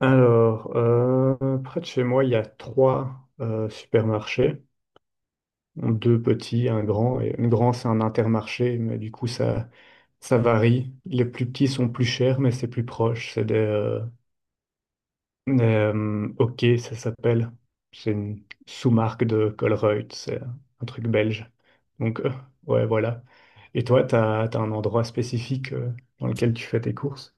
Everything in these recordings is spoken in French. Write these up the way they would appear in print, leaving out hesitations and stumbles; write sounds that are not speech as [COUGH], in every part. Alors, près de chez moi, il y a trois supermarchés, deux petits, un grand. Et le grand, c'est un intermarché, mais du coup, ça varie. Les plus petits sont plus chers, mais c'est plus proche. C'est des OK, ça s'appelle. C'est une sous-marque de Colruyt, c'est un truc belge. Donc, ouais, voilà. Et toi, t'as un endroit spécifique dans lequel tu fais tes courses?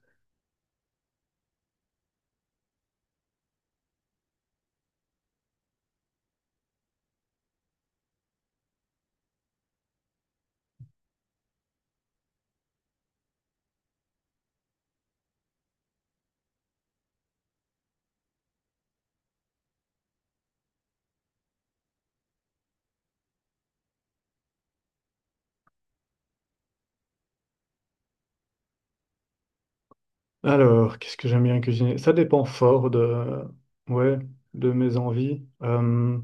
Alors, qu'est-ce que j'aime bien cuisiner? Ça dépend fort de, ouais, de mes envies.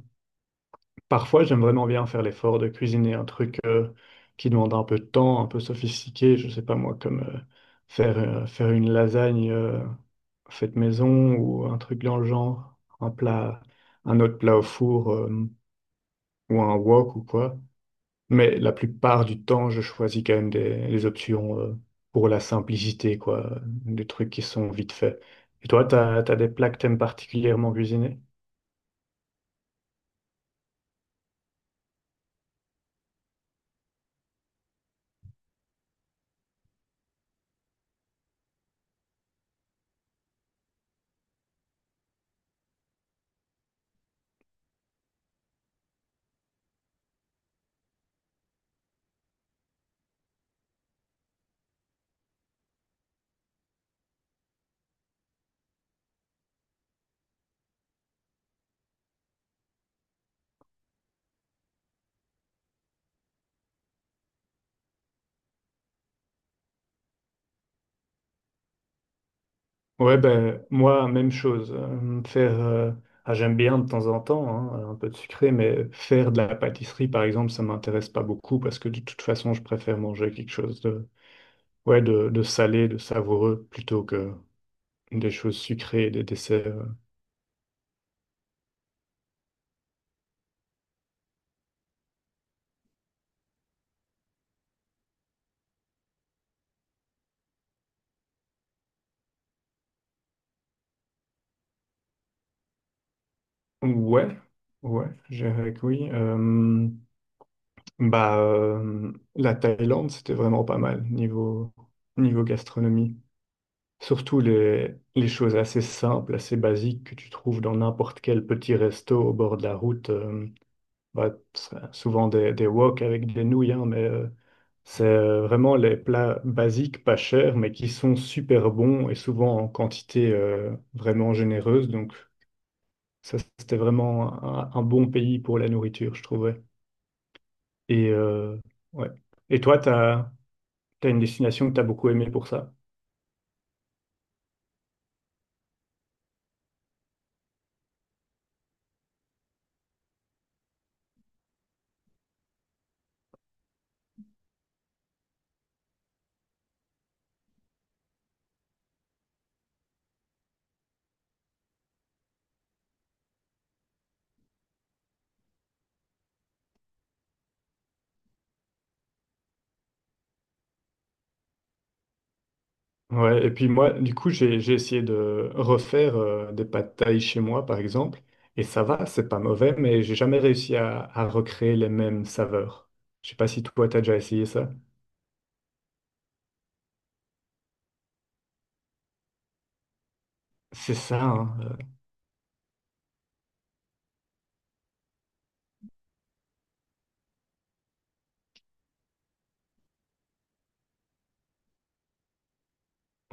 Parfois, j'aime vraiment bien faire l'effort de cuisiner un truc qui demande un peu de temps, un peu sophistiqué. Je sais pas moi, comme faire une lasagne faite maison ou un truc dans le genre, un plat, un autre plat au four ou un wok ou quoi. Mais la plupart du temps, je choisis quand même des options pour la simplicité, quoi, des trucs qui sont vite faits. Et toi, t'as des plats que t'aimes particulièrement cuisiner? Ouais, ben moi, même chose. J'aime bien de temps en temps, hein, un peu de sucré, mais faire de la pâtisserie, par exemple, ça m'intéresse pas beaucoup parce que de toute façon, je préfère manger quelque chose de, ouais, de salé, de savoureux, plutôt que des choses sucrées, des desserts. Ouais, ouais, je dirais que oui. Bah, euh, la Thaïlande, c'était vraiment pas mal niveau, niveau gastronomie. Surtout les choses assez simples, assez basiques que tu trouves dans n'importe quel petit resto au bord de la route. Bah, c'est souvent des wok avec des nouilles, hein, mais c'est vraiment les plats basiques, pas chers, mais qui sont super bons et souvent en quantité vraiment généreuse. Donc, ça, c'était vraiment un bon pays pour la nourriture, je trouvais. Et, ouais. Et toi, t'as une destination que t'as beaucoup aimée pour ça. Ouais, et puis moi, du coup, j'ai essayé de refaire des pâtes thaï chez moi, par exemple, et ça va, c'est pas mauvais, mais j'ai jamais réussi à recréer les mêmes saveurs. Je sais pas si toi, t'as déjà essayé ça. C'est ça, hein.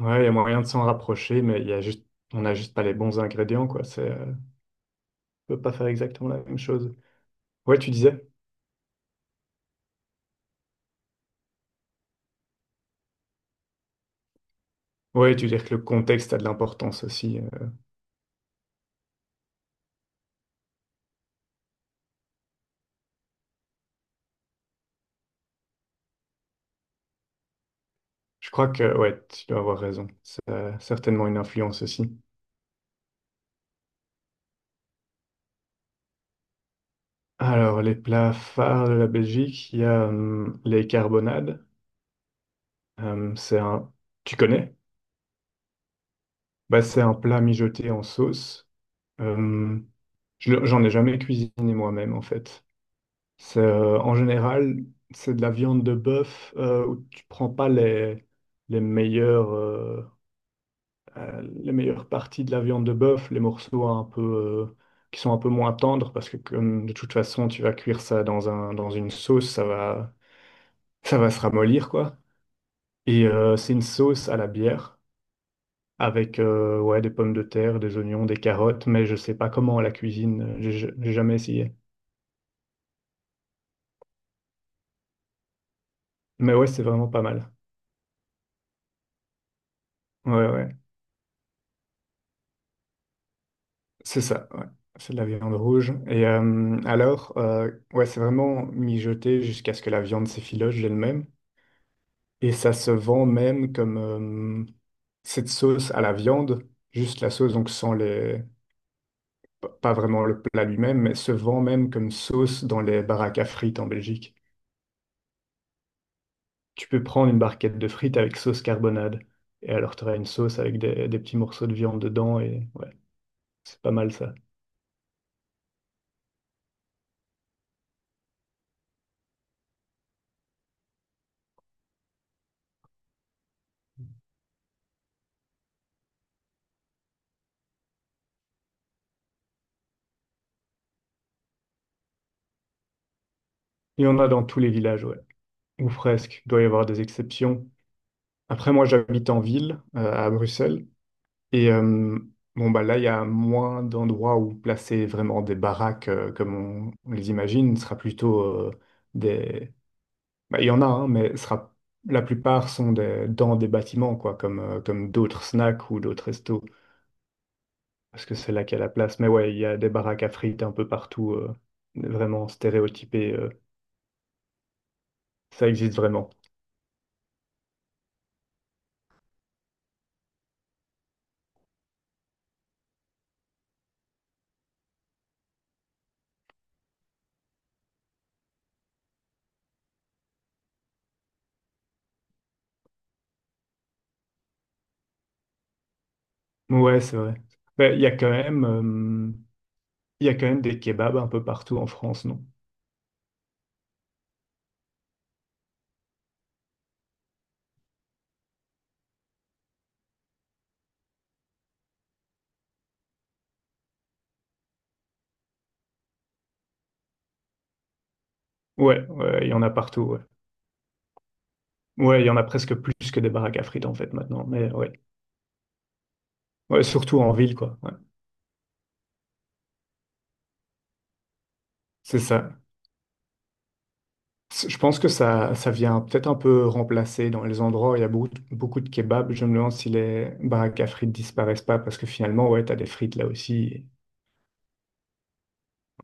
Ouais, il y a moyen de s'en rapprocher, mais il y a juste, on n'a juste pas les bons ingrédients, quoi. On peut pas faire exactement la même chose. Ouais, tu disais? Ouais, tu dis que le contexte a de l'importance aussi. Je crois que, ouais, tu dois avoir raison. C'est certainement une influence aussi. Alors, les plats phares de la Belgique, il y a les carbonades. C'est un... Tu connais? Bah, c'est un plat mijoté en sauce. Hum, j'en ai jamais cuisiné moi-même, en fait. C'est, en général, c'est de la viande de bœuf où tu prends pas les meilleures, euh, les meilleures parties de la viande de bœuf, les morceaux un peu, qui sont un peu moins tendres, parce que comme de toute façon, tu vas cuire ça dans dans une sauce, ça va se ramollir, quoi. Et c'est une sauce à la bière avec ouais, des pommes de terre, des oignons, des carottes, mais je sais pas comment on la cuisine, j'ai jamais essayé. Mais ouais, c'est vraiment pas mal. Ouais, ouais, c'est ça, ouais. C'est de la viande rouge. Et alors, ouais, c'est vraiment mijoté jusqu'à ce que la viande s'effiloche d'elle-même. Et ça se vend même comme cette sauce à la viande, juste la sauce, donc sans les... pas vraiment le plat lui-même, mais se vend même comme sauce dans les baraques à frites en Belgique. Tu peux prendre une barquette de frites avec sauce carbonade. Et alors, tu auras une sauce avec des petits morceaux de viande dedans. Et ouais, c'est pas mal ça. Il y en a dans tous les villages, ouais. Ou presque. Il doit y avoir des exceptions. Après, moi, j'habite en ville, à Bruxelles. Et bon, bah là, il y a moins d'endroits où placer vraiment des baraques comme on les imagine. Ce sera plutôt des. Bah, il y en a, hein, mais ce sera... la plupart sont des... dans des bâtiments, quoi, comme, comme d'autres snacks ou d'autres restos. Parce que c'est là qu'il y a la place. Mais ouais, il y a des baraques à frites un peu partout, vraiment stéréotypées. Ça existe vraiment. Ouais, c'est vrai. Mais il y a quand même des kebabs un peu partout en France, non? Ouais, ouais, il y en a partout, ouais. Ouais, il y en a presque plus que des baraques à frites en fait maintenant. Mais ouais, ouais, surtout en ville, quoi. Ouais, c'est ça. Je pense que ça vient peut-être un peu remplacer dans les endroits où il y a beaucoup de kebabs. Je me demande si les baraques à frites disparaissent pas parce que finalement, ouais, t'as des frites là aussi.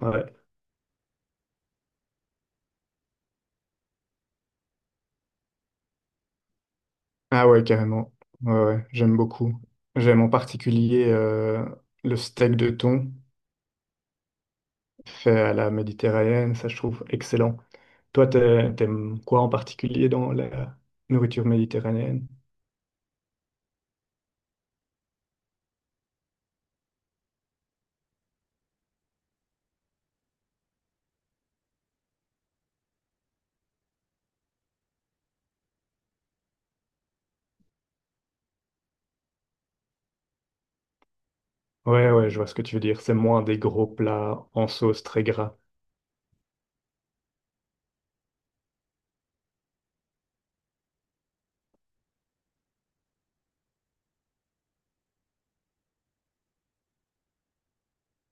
Ouais. Ah ouais, carrément. Ouais, ouais, j'aime beaucoup. J'aime en particulier le steak de thon fait à la méditerranéenne, ça je trouve excellent. Toi, t'aimes quoi en particulier dans la nourriture méditerranéenne? Ouais, ouais, je vois ce que tu veux dire. C'est moins des gros plats en sauce très gras.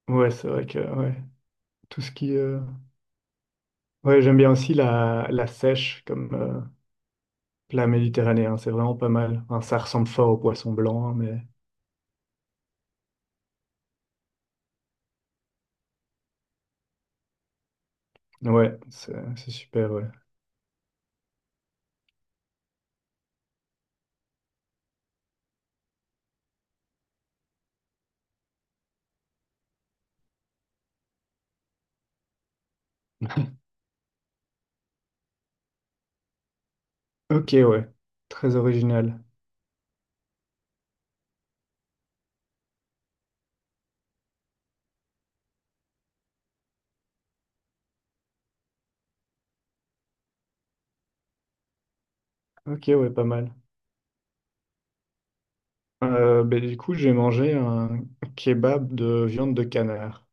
Ouais, c'est vrai que ouais, tout ce qui... euh, ouais, j'aime bien aussi la, la sèche comme plat méditerranéen, c'est vraiment pas mal. Enfin, ça ressemble fort au poisson blanc, hein, mais ouais, c'est super, ouais. Ok, ouais. Très original. Ok, ouais, pas mal. Ben, du coup, j'ai mangé un kebab de viande de canard.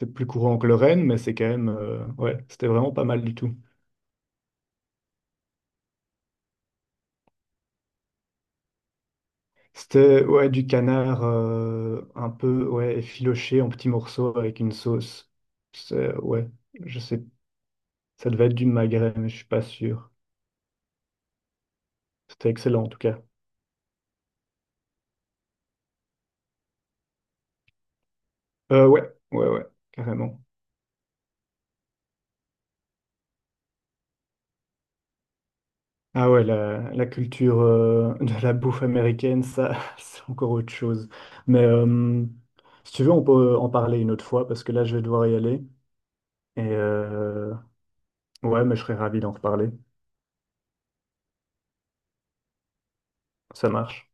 C'est plus courant que le renne, mais c'est quand même... ouais, c'était vraiment pas mal du tout. C'était, ouais, du canard un peu, ouais, effiloché en petits morceaux avec une sauce. C'est, ouais, je sais. Ça devait être du magret, mais je suis pas sûr. C'était excellent, en tout cas. Euh, ouais, ouais, carrément. Ah ouais, la culture de la bouffe américaine, ça, [LAUGHS] c'est encore autre chose. Mais si tu veux, on peut en parler une autre fois parce que là, je vais devoir y aller. Et ouais, mais je serais ravi d'en reparler. Ça marche.